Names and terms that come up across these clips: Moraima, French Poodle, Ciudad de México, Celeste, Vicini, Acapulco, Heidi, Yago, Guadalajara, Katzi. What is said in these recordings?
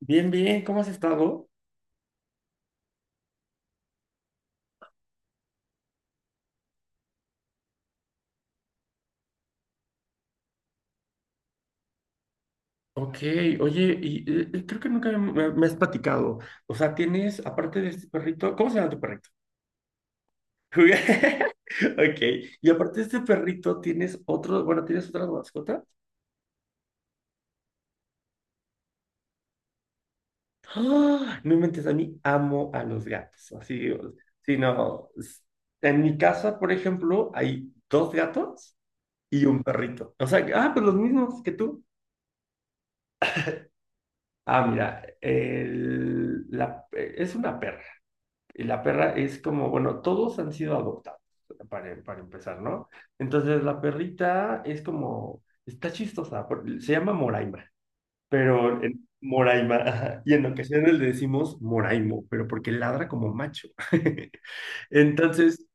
Bien, bien, ¿cómo has estado? Ok, oye, y creo que nunca me has platicado. O sea, tienes, aparte de este perrito, ¿cómo se llama tu perrito? Ok, y aparte de este perrito, tienes otro, bueno, tienes otra mascota. ¡Ah! No inventes, a mí amo a los gatos, así, sí, no. En mi casa, por ejemplo, hay dos gatos y un perrito. O sea, ah, pues los mismos que tú. Ah, mira, es una perra. La perra es como, bueno, todos han sido adoptados, para empezar, ¿no? Entonces la perrita es como, está chistosa, se llama Moraima, pero en Moraima, ajá, y en ocasiones le decimos Moraimo, pero porque ladra como macho. Entonces,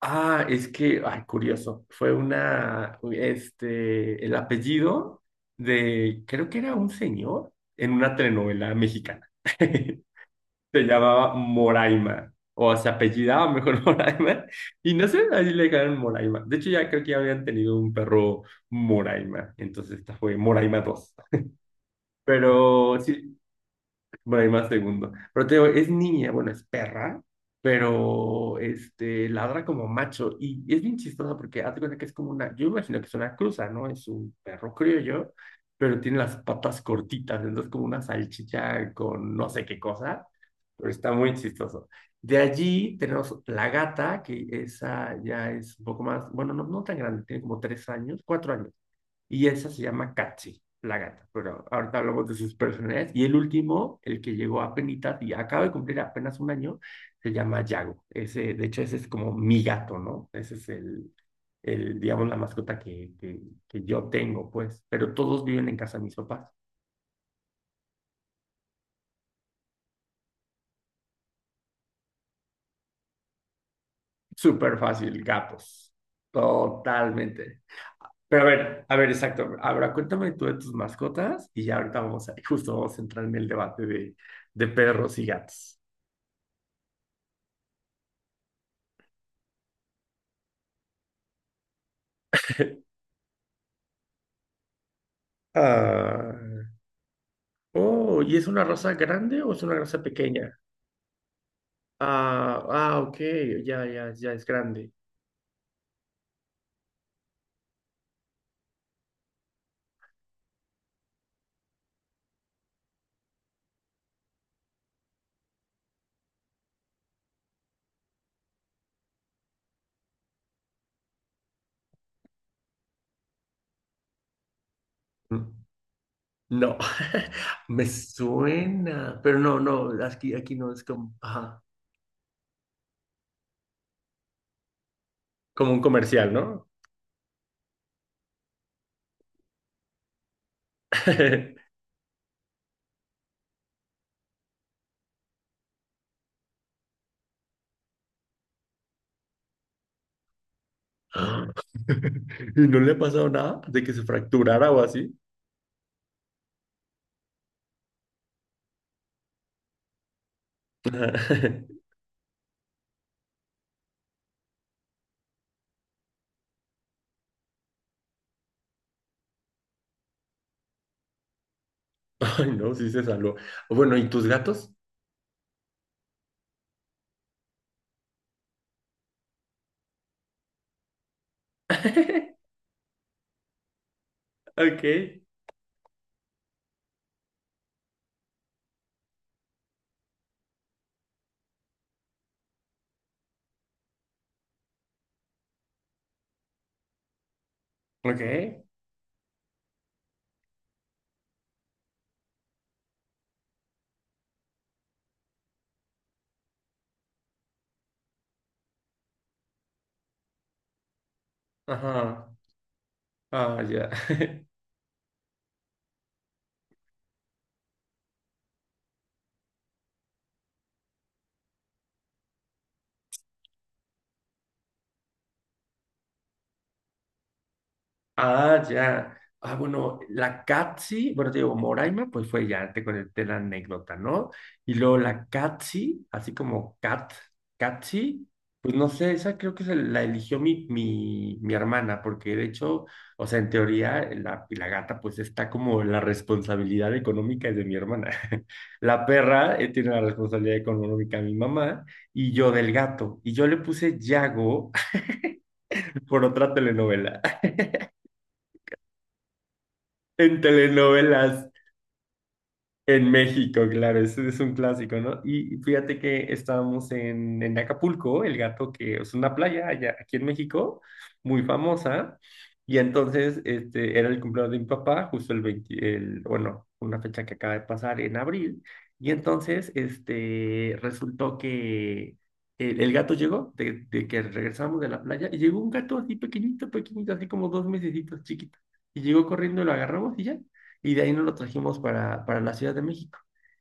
ah, es que, ay, curioso, fue una, este, el apellido de, creo que era un señor en una telenovela mexicana. Se llamaba Moraima, o se apellidaba mejor Moraima, y no sé, así le dejaron Moraima. De hecho, ya creo que ya habían tenido un perro Moraima, entonces esta fue Moraima dos. Pero sí, bueno, hay más segundo. Pero te digo, es niña, bueno, es perra, pero este, ladra como macho. Y es bien chistosa porque hazte cuenta que es como una, yo imagino que es una cruza, ¿no? Es un perro criollo, pero tiene las patas cortitas, entonces como una salchicha con no sé qué cosa, pero está muy chistoso. De allí tenemos la gata, que esa ya es un poco más, bueno, no, no tan grande, tiene como tres años, cuatro años. Y esa se llama Katzi, la gata, pero ahorita hablamos de sus personalidades. Y el último, el que llegó a penitas y acaba de cumplir apenas un año, se llama Yago. Ese, de hecho, ese es como mi gato, ¿no? Ese es el digamos, la mascota que yo tengo, pues. Pero todos viven en casa de mis papás. Súper fácil, gatos. Totalmente. Pero a ver, exacto. Ahora cuéntame tú de tus mascotas y ya ahorita vamos a, justo vamos a entrar en el debate de perros y gatos. Ah. Oh, ¿y es una raza grande o es una raza pequeña? Ah, ah, ok, ya, ya, ya es grande. Mm. No, me suena, pero no, no, aquí, aquí no es como, ajá, como un comercial, ¿no? Ah. ¿Y no le ha pasado nada de que se fracturara o así? Ajá. Ay, no, sí se salvó. Bueno, ¿y tus gatos? Ok, ok, ajá, ah, ya. Ah, ya. Ah, bueno, la Catsi, bueno, te digo, Moraima, pues fue ya, te conté la anécdota, ¿no? Y luego la Catsi, así como Cat, Catsi, pues no sé, esa creo que se la eligió mi hermana, porque de hecho, o sea, en teoría, la gata, pues está como la responsabilidad económica es de mi hermana. La perra, tiene la responsabilidad económica de mi mamá, y yo del gato. Y yo le puse Yago por otra telenovela. En telenovelas. En México, claro, ese es un clásico, ¿no? Y fíjate que estábamos en Acapulco, el gato que es una playa allá aquí en México, muy famosa, y entonces este, era el cumpleaños de mi papá, justo el 20, el, bueno, una fecha que acaba de pasar en abril, y entonces este, resultó que el gato llegó, de que regresamos de la playa, y llegó un gato así pequeñito, pequeñito, así como dos mesecitos, chiquito, y llegó corriendo, lo agarramos y ya y de ahí nos lo trajimos para la Ciudad de México.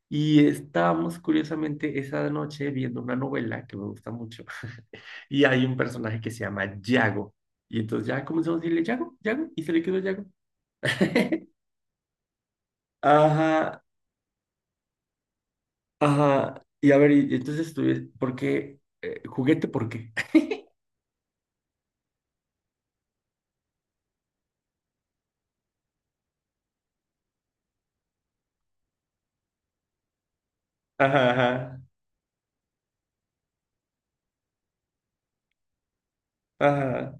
Y estábamos curiosamente esa noche viendo una novela que me gusta mucho y hay un personaje que se llama Yago. Y entonces ya comenzamos a decirle Yago, Yago, y se le quedó Yago. Ajá, ajá. Y a ver, y entonces estuve, ¿por qué? ¿Juguete por qué? Ajá, ajá, ajá,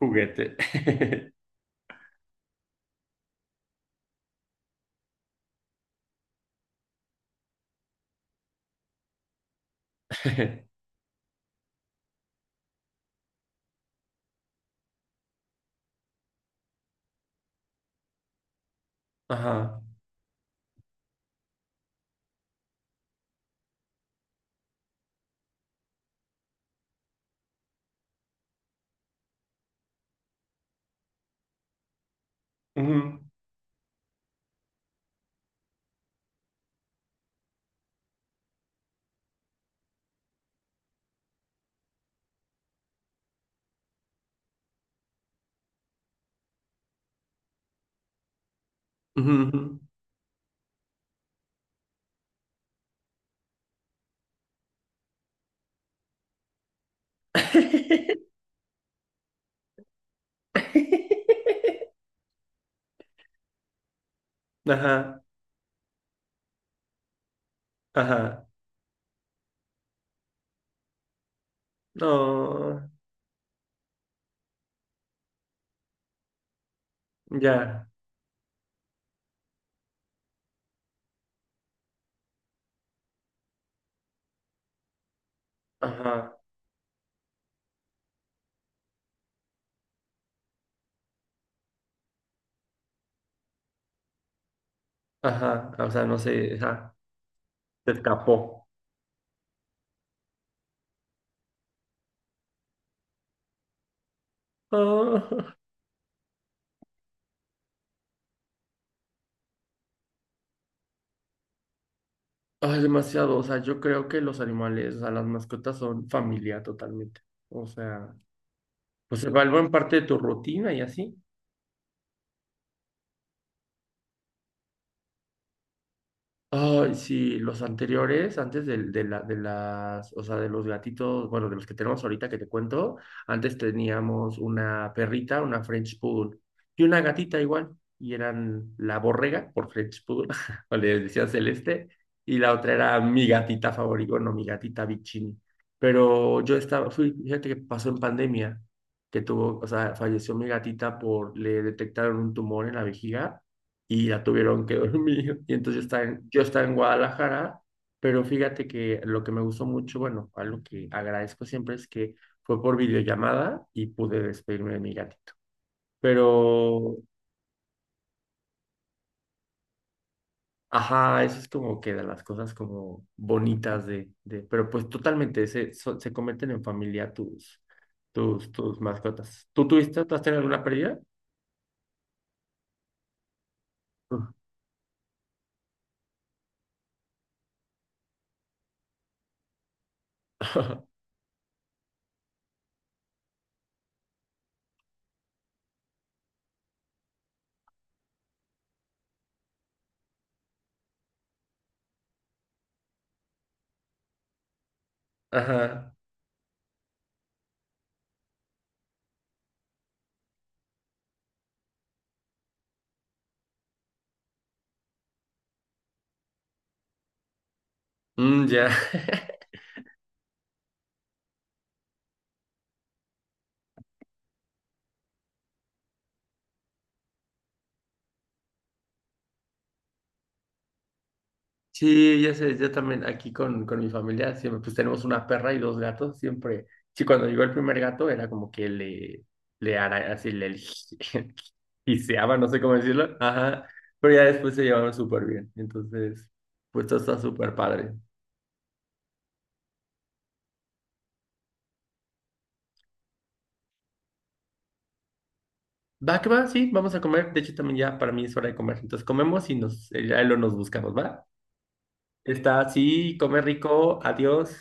juguete. Ajá. Ujú, ujú, ujú. Ajá, ajá. No, ya. Ajá. Ajá, o sea, no sé, ajá, se escapó. Ah. Ay, demasiado, o sea, yo creo que los animales, o sea, las mascotas son familia totalmente. O sea, pues se vuelven parte de tu rutina y así. Ay, sí, los anteriores, antes del- de, la, de las, o sea, de los gatitos, bueno, de los que tenemos ahorita que te cuento, antes teníamos una perrita, una French Poodle y una gatita igual, y eran la borrega por French Poodle, o le decía Celeste, y la otra era mi gatita favorita, bueno, mi gatita Vicini. Pero yo estaba, fui, fíjate que pasó en pandemia, que tuvo, o sea, falleció mi gatita por, le detectaron un tumor en la vejiga y la tuvieron que dormir. Y entonces yo estaba en Guadalajara, pero fíjate que lo que me gustó mucho, bueno, algo que agradezco siempre es que fue por videollamada y pude despedirme de mi gatito. Pero, ajá, eso es como que de las cosas como bonitas de pero pues totalmente, se cometen en familia tus mascotas. ¿Tú tuviste, tú has tenido alguna pérdida? Ajá. Mm, ya. Sí, ya sé, yo también aquí con mi familia siempre, pues tenemos una perra y dos gatos, siempre. Sí, cuando llegó el primer gato era como que le, así le giseaba, no sé cómo decirlo, ajá, pero ya después se llevaron súper bien, entonces, pues todo está súper padre. Va, que va, sí, vamos a comer, de hecho también ya para mí es hora de comer, entonces comemos y nos, ya lo nos buscamos, ¿va? Está así, come rico, adiós.